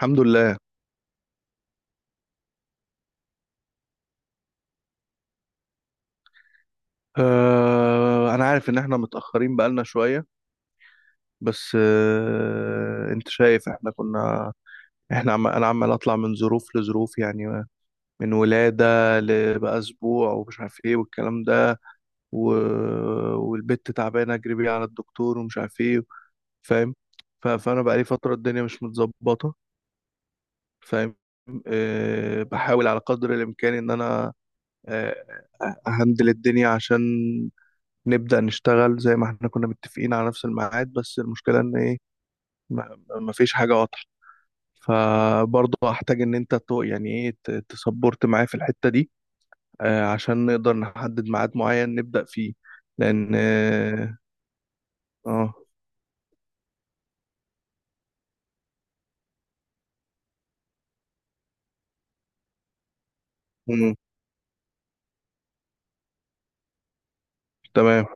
الحمد لله. انا عارف ان احنا متأخرين بقالنا شوية. بس انت شايف احنا كنا. انا عمال اطلع من ظروف لظروف، يعني من ولادة، لبقى اسبوع ومش عارف ايه والكلام ده. و... والبت تعبانة اجري بيها على الدكتور ومش عارف ايه. فاهم؟ فانا بقالي فترة الدنيا مش متظبطة. فاهم؟ آه، بحاول على قدر الامكان ان انا آه، اهندل الدنيا عشان نبدأ نشتغل زي ما احنا كنا متفقين، على نفس الميعاد. بس المشكلة ان ايه؟ ما فيش حاجة واضحة. فبرضه هحتاج ان انت يعني ايه، تسبورت معايا في الحتة دي، عشان نقدر نحدد ميعاد معين نبدأ فيه. لان آه، مم، تمام،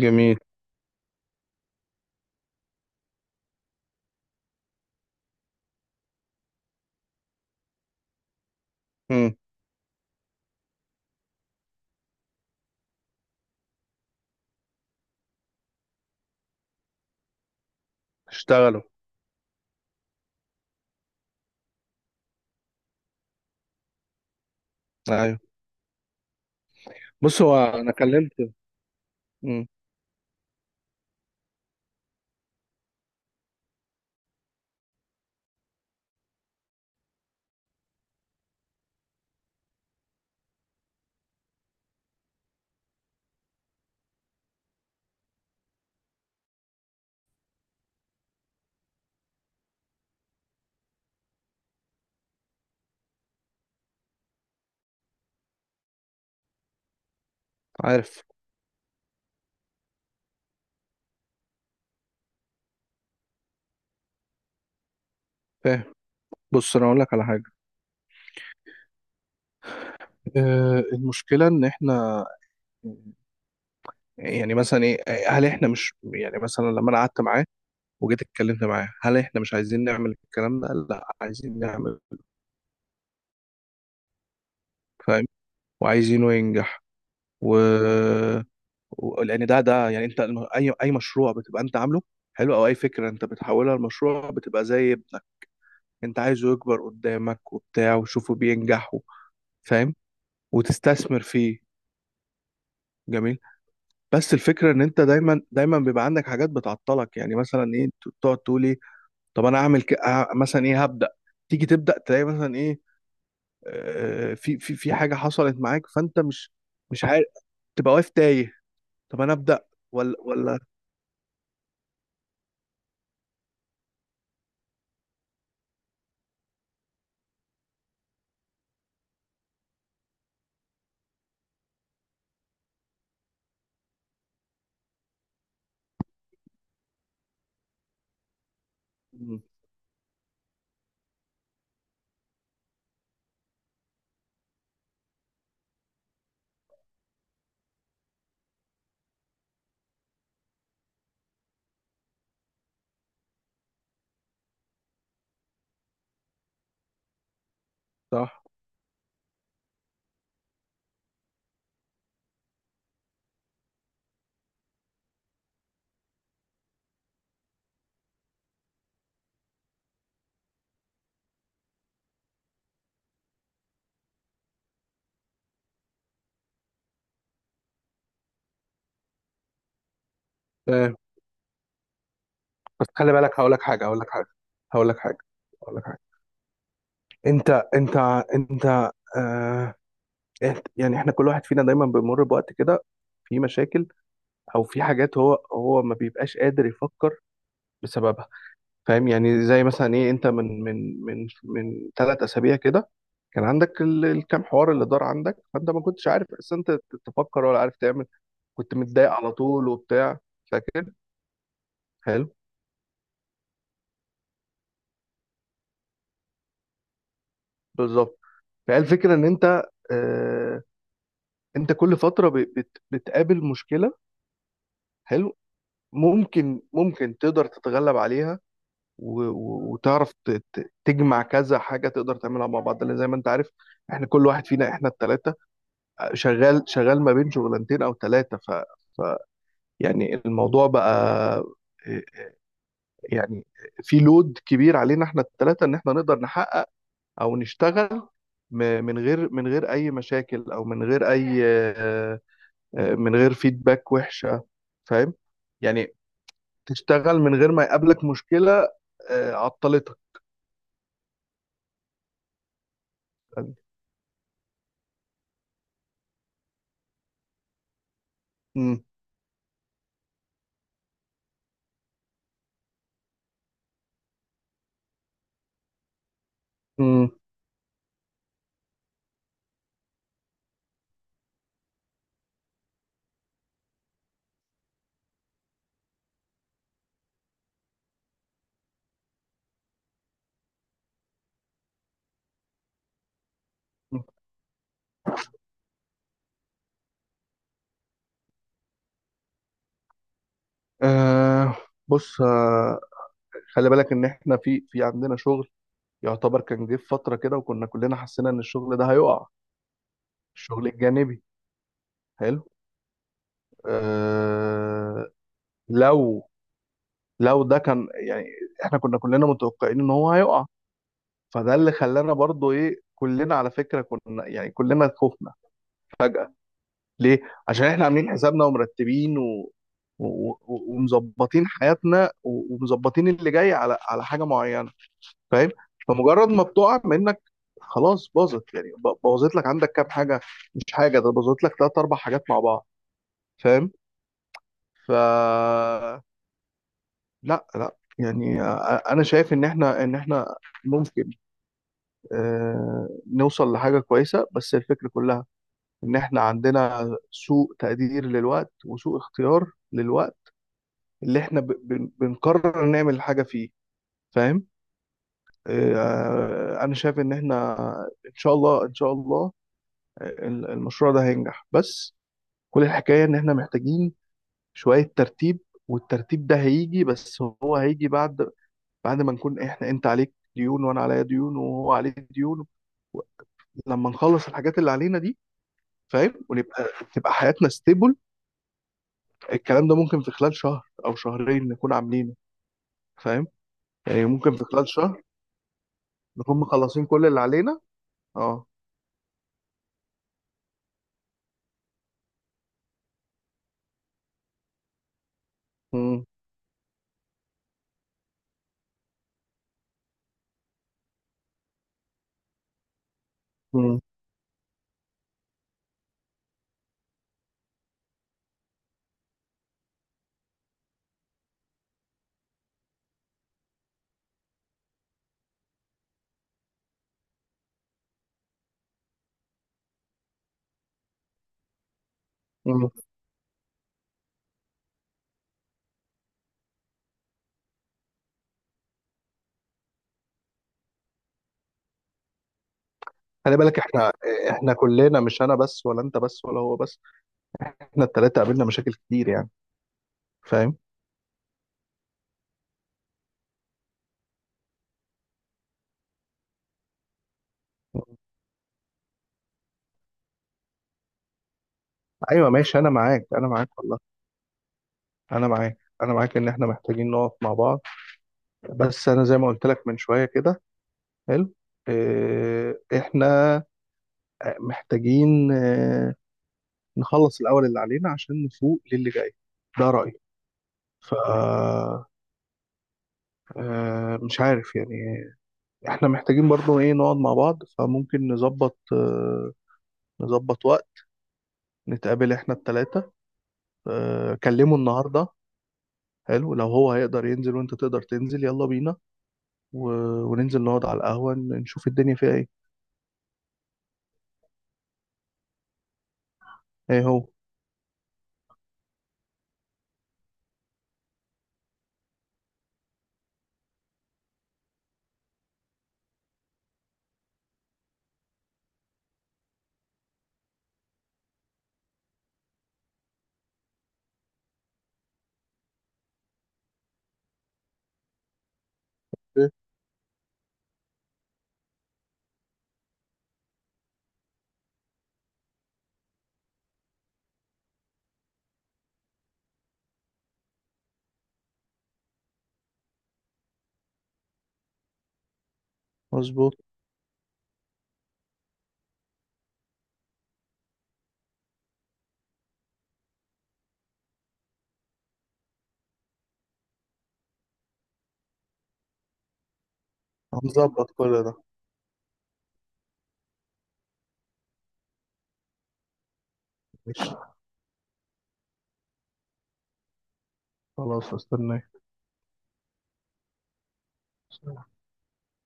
جميل، مم، اشتغلوا، ايوه. بص، هو انا كلمت. مم، عارف، فاهم. بص انا اقول لك على حاجة. المشكلة ان احنا، يعني مثلا ايه، هل احنا مش، يعني مثلا لما انا قعدت معاه وجيت اتكلمت معاه، هل احنا مش عايزين نعمل الكلام ده؟ قال لا، عايزين نعمل. فاهم؟ وعايزينه ينجح و... لان ده يعني انت اي مشروع بتبقى انت عامله حلو، او اي فكره انت بتحولها لمشروع بتبقى زي ابنك، انت عايزه يكبر قدامك وبتاع وتشوفه بينجح فاهم، وتستثمر فيه. جميل. بس الفكره ان انت، دايما دايما بيبقى عندك حاجات بتعطلك، يعني مثلا ايه، تقعد تقول ايه؟ طب انا اعمل مثلا ايه، هبدا، تيجي تبدا تلاقي مثلا ايه، في حاجه حصلت معاك، فانت مش عارف، تبقى واقف تايه. طب انا ابدا ولا؟ مم. صح. فاهم؟ بس خلي بالك، هقول لك حاجه، هقول لك حاجه، هقول لك حاجه، هقول لك حاجه. انت، انت، انت، آه يعني احنا كل واحد فينا دايما بيمر بوقت كده، في مشاكل او في حاجات هو ما بيبقاش قادر يفكر بسببها. فاهم؟ يعني زي مثلا ايه، انت من 3 اسابيع كده كان عندك الكام حوار اللي دار عندك، فانت ما كنتش عارف اصلا انت تفكر ولا عارف تعمل، كنت متضايق على طول وبتاع. فاكر؟ حلو. بالظبط. فهي الفكره ان انت، آه انت كل فتره ب- بت بتقابل مشكله. حلو. ممكن تقدر تتغلب عليها وتعرف تجمع كذا حاجه تقدر تعملها مع بعض، لان زي ما انت عارف، احنا كل واحد فينا، احنا الثلاثه شغال شغال ما بين شغلانتين او ثلاثه. ف- يعني الموضوع بقى، آه، يعني في لود كبير علينا احنا الثلاثه ان احنا نقدر نحقق او نشتغل، من غير اي مشاكل، او من غير اي، من غير فيدباك وحشه. فاهم؟ يعني تشتغل من غير ما يقابلك مشكله عطلتك. مم. مم. آه بص، خلي بالك ان احنا، في عندنا شغل يعتبر كان جه في فتره كده، وكنا كلنا حسينا ان الشغل ده هيقع، الشغل الجانبي. حلو. آه لو، لو ده كان يعني، احنا كنا كلنا متوقعين ان هو هيقع، فده اللي خلانا برضو ايه، كلنا على فكرة كنا يعني كلنا خفنا فجأة. ليه؟ عشان احنا عاملين حسابنا ومرتبين ومظبطين حياتنا ومظبطين اللي جاي على، على حاجة معينة. فاهم؟ فمجرد ما بتقع منك خلاص باظت، يعني بوظت لك عندك كام حاجة، مش حاجة، ده بوظت لك 3 4 حاجات مع بعض. فاهم؟ ف لا لا، يعني انا شايف ان احنا ممكن نوصل لحاجة كويسة. بس الفكرة كلها إن إحنا عندنا سوء تقدير للوقت وسوء اختيار للوقت اللي إحنا بنقرر نعمل حاجة فيه. فاهم؟ أنا شايف إن إحنا، إن شاء الله إن شاء الله، المشروع ده هينجح. بس كل الحكاية إن إحنا محتاجين شوية ترتيب، والترتيب ده هيجي، بس هو هيجي بعد، بعد ما نكون إحنا، أنت عليك ديون وأنا عليا ديون وهو عليه ديون، لما نخلص الحاجات اللي علينا دي. فاهم؟ ونبقى، تبقى حياتنا ستيبل. الكلام ده ممكن في خلال شهر او شهرين نكون عاملينه. فاهم؟ يعني ممكن في خلال شهر نكون مخلصين كل اللي علينا. اه. مم. مم. مم. خلي بالك، احنا، احنا كلنا، مش انا بس، ولا انت بس، ولا هو بس، احنا التلاتة قابلنا مشاكل كتير يعني. فاهم؟ ايوه ماشي، انا معاك انا معاك والله، انا معاك انا معاك، ان احنا محتاجين نقف مع بعض. بس انا زي ما قلت لك من شويه كده، حلو. احنا محتاجين نخلص الأول اللي علينا عشان نفوق للي جاي. ده رأيي. ف مش عارف يعني، احنا محتاجين برضو ايه نقعد مع بعض، فممكن نظبط نظبط وقت، نتقابل احنا التلاتة. كلمه النهاردة، حلو، لو هو هيقدر ينزل وانت تقدر تنزل يلا بينا، و... وننزل نقعد على القهوة نشوف الدنيا فيها ايه. ايه هو؟ إيه؟ مظبوط، هنظبط كل ده. ماشي، خلاص استناك.